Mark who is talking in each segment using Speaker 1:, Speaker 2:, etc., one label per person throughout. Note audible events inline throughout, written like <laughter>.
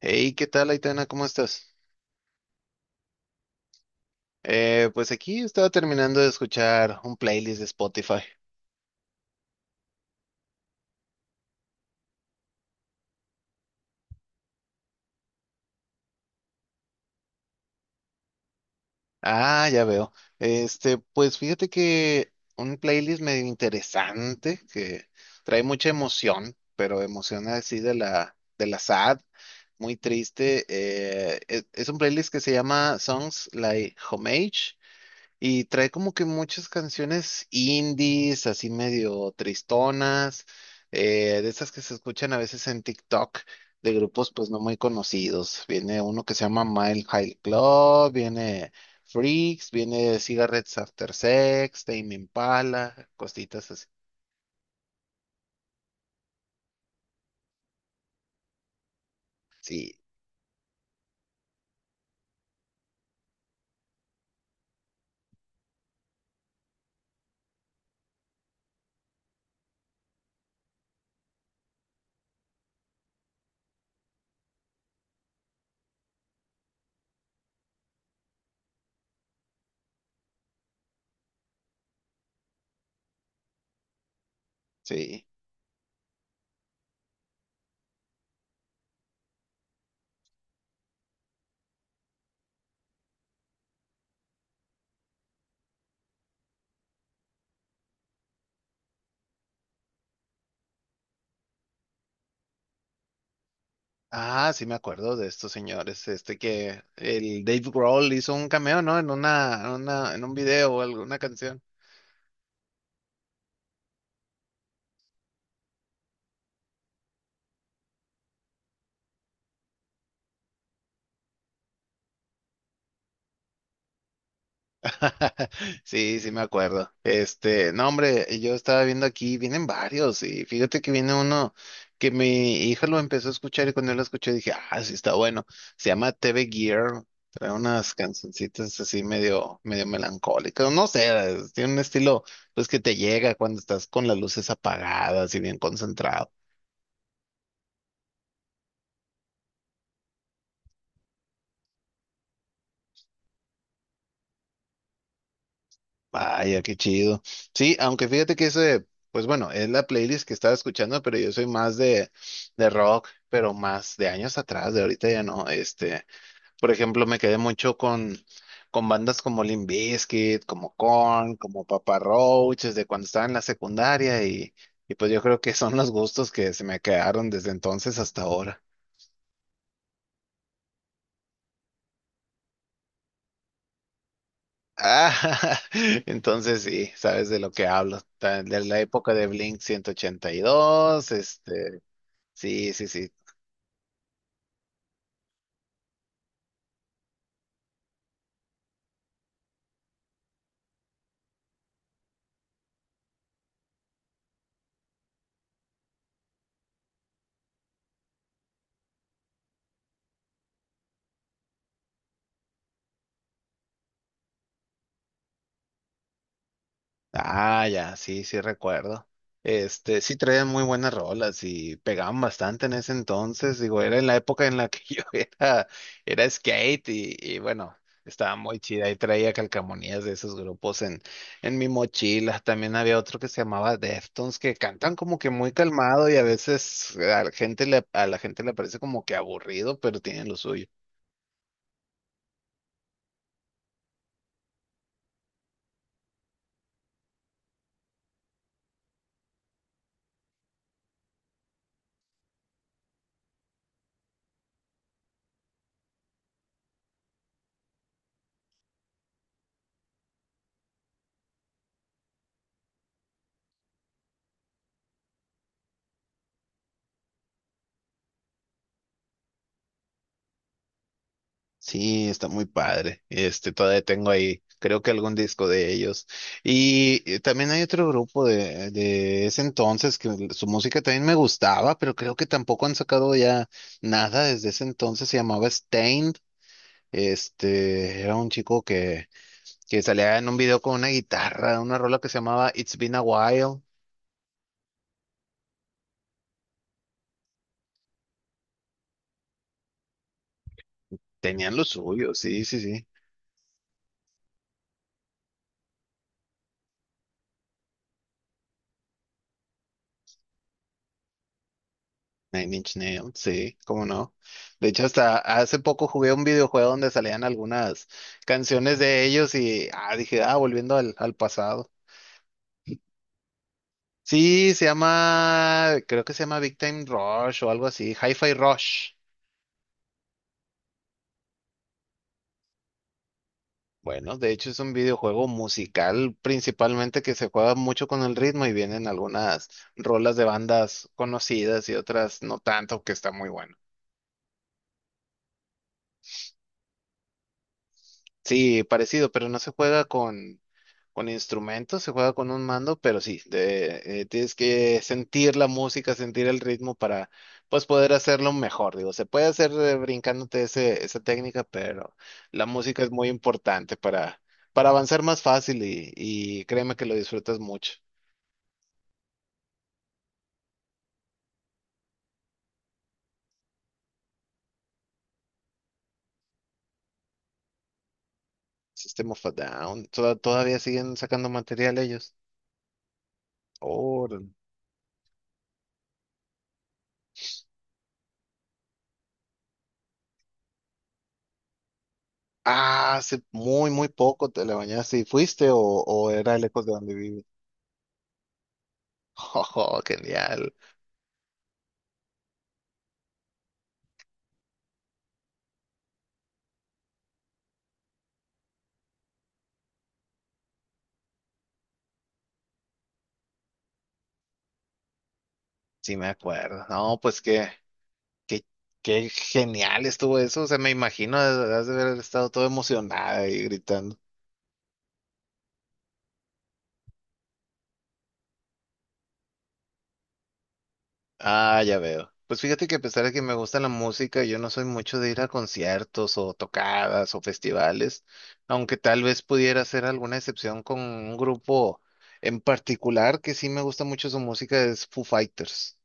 Speaker 1: Hey, ¿qué tal, Aitana? ¿Cómo estás? Pues aquí estaba terminando de escuchar un playlist de Spotify. Ah, ya veo. Pues fíjate que un playlist medio interesante que trae mucha emoción, pero emoción así de la sad, muy triste. Es un playlist que se llama Songs Like Homage. Y trae como que muchas canciones indies, así medio tristonas, de esas que se escuchan a veces en TikTok, de grupos pues no muy conocidos. Viene uno que se llama Mile High Club, viene Freaks, viene Cigarettes After Sex, Tame Impala, cositas así. Sí, sí. Ah, sí me acuerdo de estos señores, este que el Dave Grohl hizo un cameo, ¿no? En en un video o alguna canción. <laughs> Sí, sí me acuerdo. No, hombre, yo estaba viendo aquí, vienen varios, y fíjate que viene uno que mi hija lo empezó a escuchar y cuando yo lo escuché dije, ah, sí está bueno. Se llama TV Gear, trae unas cancioncitas así medio melancólicas, no sé, tiene un estilo pues que te llega cuando estás con las luces apagadas y bien concentrado. Vaya, qué chido. Sí, aunque fíjate que ese, pues bueno, es la playlist que estaba escuchando, pero yo soy más de rock, pero más de años atrás, de ahorita ya no. Por ejemplo, me quedé mucho con bandas como Limp Bizkit, como Korn, como Papa Roach, desde cuando estaba en la secundaria y pues yo creo que son los gustos que se me quedaron desde entonces hasta ahora. Ah, <laughs> entonces sí, sabes de lo que hablo. De la época de Blink ciento ochenta y dos, este. Sí, sí, sí. Ah, ya, sí, sí recuerdo. Sí traían muy buenas rolas y pegaban bastante en ese entonces. Digo, era en la época en la que <laughs> yo era, era skate y bueno, estaba muy chida. Y traía calcamonías de esos grupos en mi mochila. También había otro que se llamaba Deftones, que cantan como que muy calmado y a veces a a la gente le parece como que aburrido, pero tienen lo suyo. Sí, está muy padre. Todavía tengo ahí, creo que algún disco de ellos. Y también hay otro grupo de ese entonces que su música también me gustaba, pero creo que tampoco han sacado ya nada desde ese entonces. Se llamaba Stained. Era un chico que salía en un video con una guitarra, una rola que se llamaba It's Been a While. Tenían lo suyo, sí, sí, sí. Nine Inch Nails, sí, cómo no. De hecho, hasta hace poco jugué un videojuego donde salían algunas canciones de ellos y ah, dije, ah, volviendo al pasado. Sí, se llama, creo que se llama Big Time Rush o algo así, Hi-Fi Rush. Bueno, de hecho es un videojuego musical principalmente que se juega mucho con el ritmo y vienen algunas rolas de bandas conocidas y otras no tanto, que está muy bueno. Sí, parecido, pero no se juega con instrumentos, se juega con un mando, pero sí, tienes que sentir la música, sentir el ritmo para pues poder hacerlo mejor. Digo, se puede hacer brincándote ese, esa técnica, pero la música es muy importante para avanzar más fácil y créeme que lo disfrutas mucho. System of a Down, todavía siguen sacando material ellos. Órale. Ah, hace muy, muy poco te la bañaste y fuiste o era lejos de donde vives. <laughs> Oh, genial. Sí, me acuerdo. No, pues qué, qué genial estuvo eso. O sea, me imagino, has de haber estado todo emocionada y gritando. Ah, ya veo. Pues fíjate que a pesar de que me gusta la música, yo no soy mucho de ir a conciertos o tocadas o festivales, aunque tal vez pudiera hacer alguna excepción con un grupo en particular que sí me gusta mucho su música, es Foo Fighters.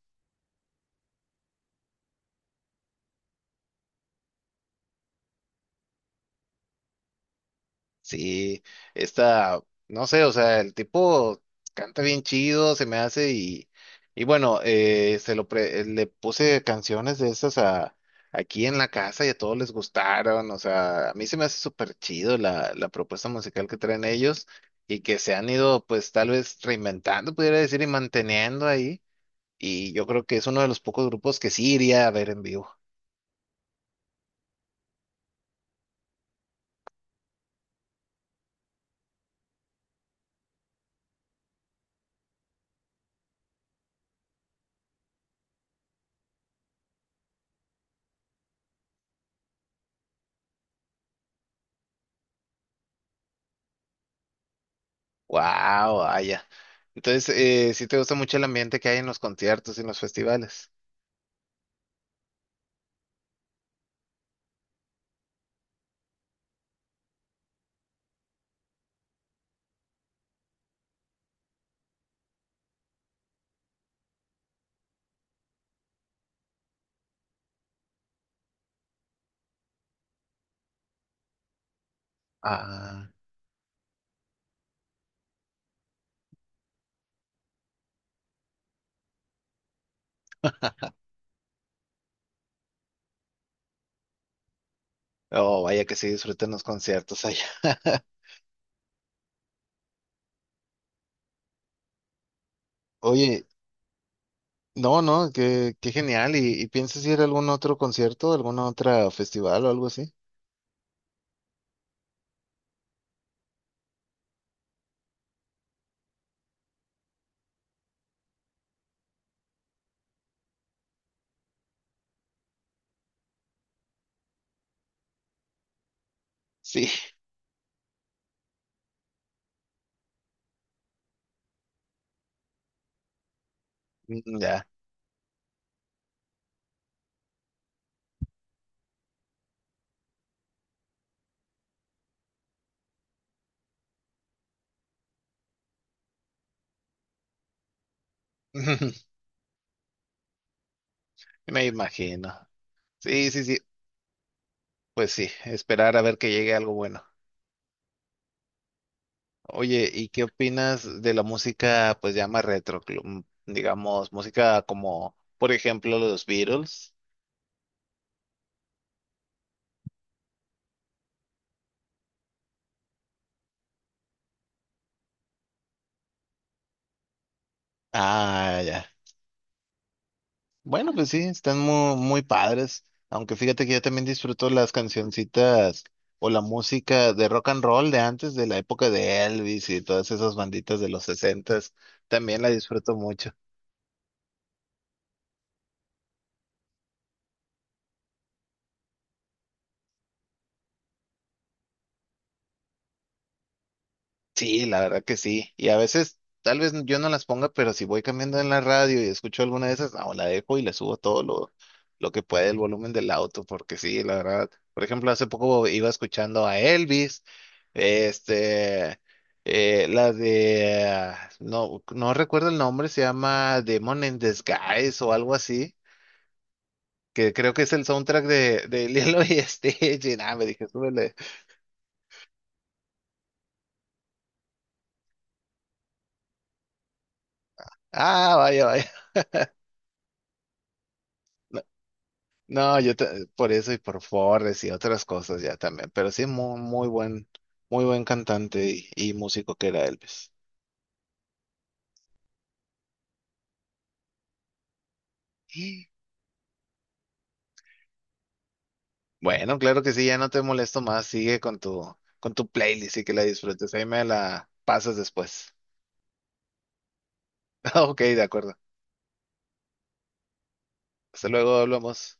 Speaker 1: Sí, esta, no sé, o sea, el tipo canta bien chido, se me hace y bueno, le puse canciones de esas a, aquí en la casa y a todos les gustaron, o sea, a mí se me hace súper chido la propuesta musical que traen ellos y que se han ido pues tal vez reinventando, pudiera decir, y manteniendo ahí y yo creo que es uno de los pocos grupos que sí iría a ver en vivo. Wow, vaya. Entonces, sí te gusta mucho el ambiente que hay en los conciertos y en los festivales. Ah, oh, vaya que sí disfrutan los conciertos allá. <laughs> Oye, no, no, qué genial. Y piensas ir a algún otro concierto, algún otro festival o algo así? Sí, mm, ya. <laughs> Me imagino. Sí, sí, sí. Pues sí, esperar a ver que llegue algo bueno. Oye, ¿y qué opinas de la música, pues llama retro, digamos, música como, por ejemplo, los Beatles? Ah, ya. Bueno, pues sí, están muy, muy padres. Aunque fíjate que yo también disfruto las cancioncitas o la música de rock and roll de antes, de la época de Elvis y todas esas banditas de los sesentas. También la disfruto mucho. Sí, la verdad que sí. Y a veces, tal vez yo no las ponga, pero si voy cambiando en la radio y escucho alguna de esas, no, la dejo y le subo todo lo que puede el volumen del auto, porque sí, la verdad. Por ejemplo, hace poco iba escuchando a Elvis, este, no, no recuerdo el nombre, se llama Demon in Disguise o algo así, que creo que es el soundtrack de <laughs> Lilo y Stitch. Y nada, me dije, súbele. Ah, vaya, vaya. No, por eso y por Forres y otras cosas ya también, pero sí muy muy buen cantante y músico que era Elvis. Y bueno, claro que sí, ya no te molesto más, sigue con tu playlist y que la disfrutes. Ahí me la pasas después. <laughs> Ok, de acuerdo. Hasta luego, hablamos.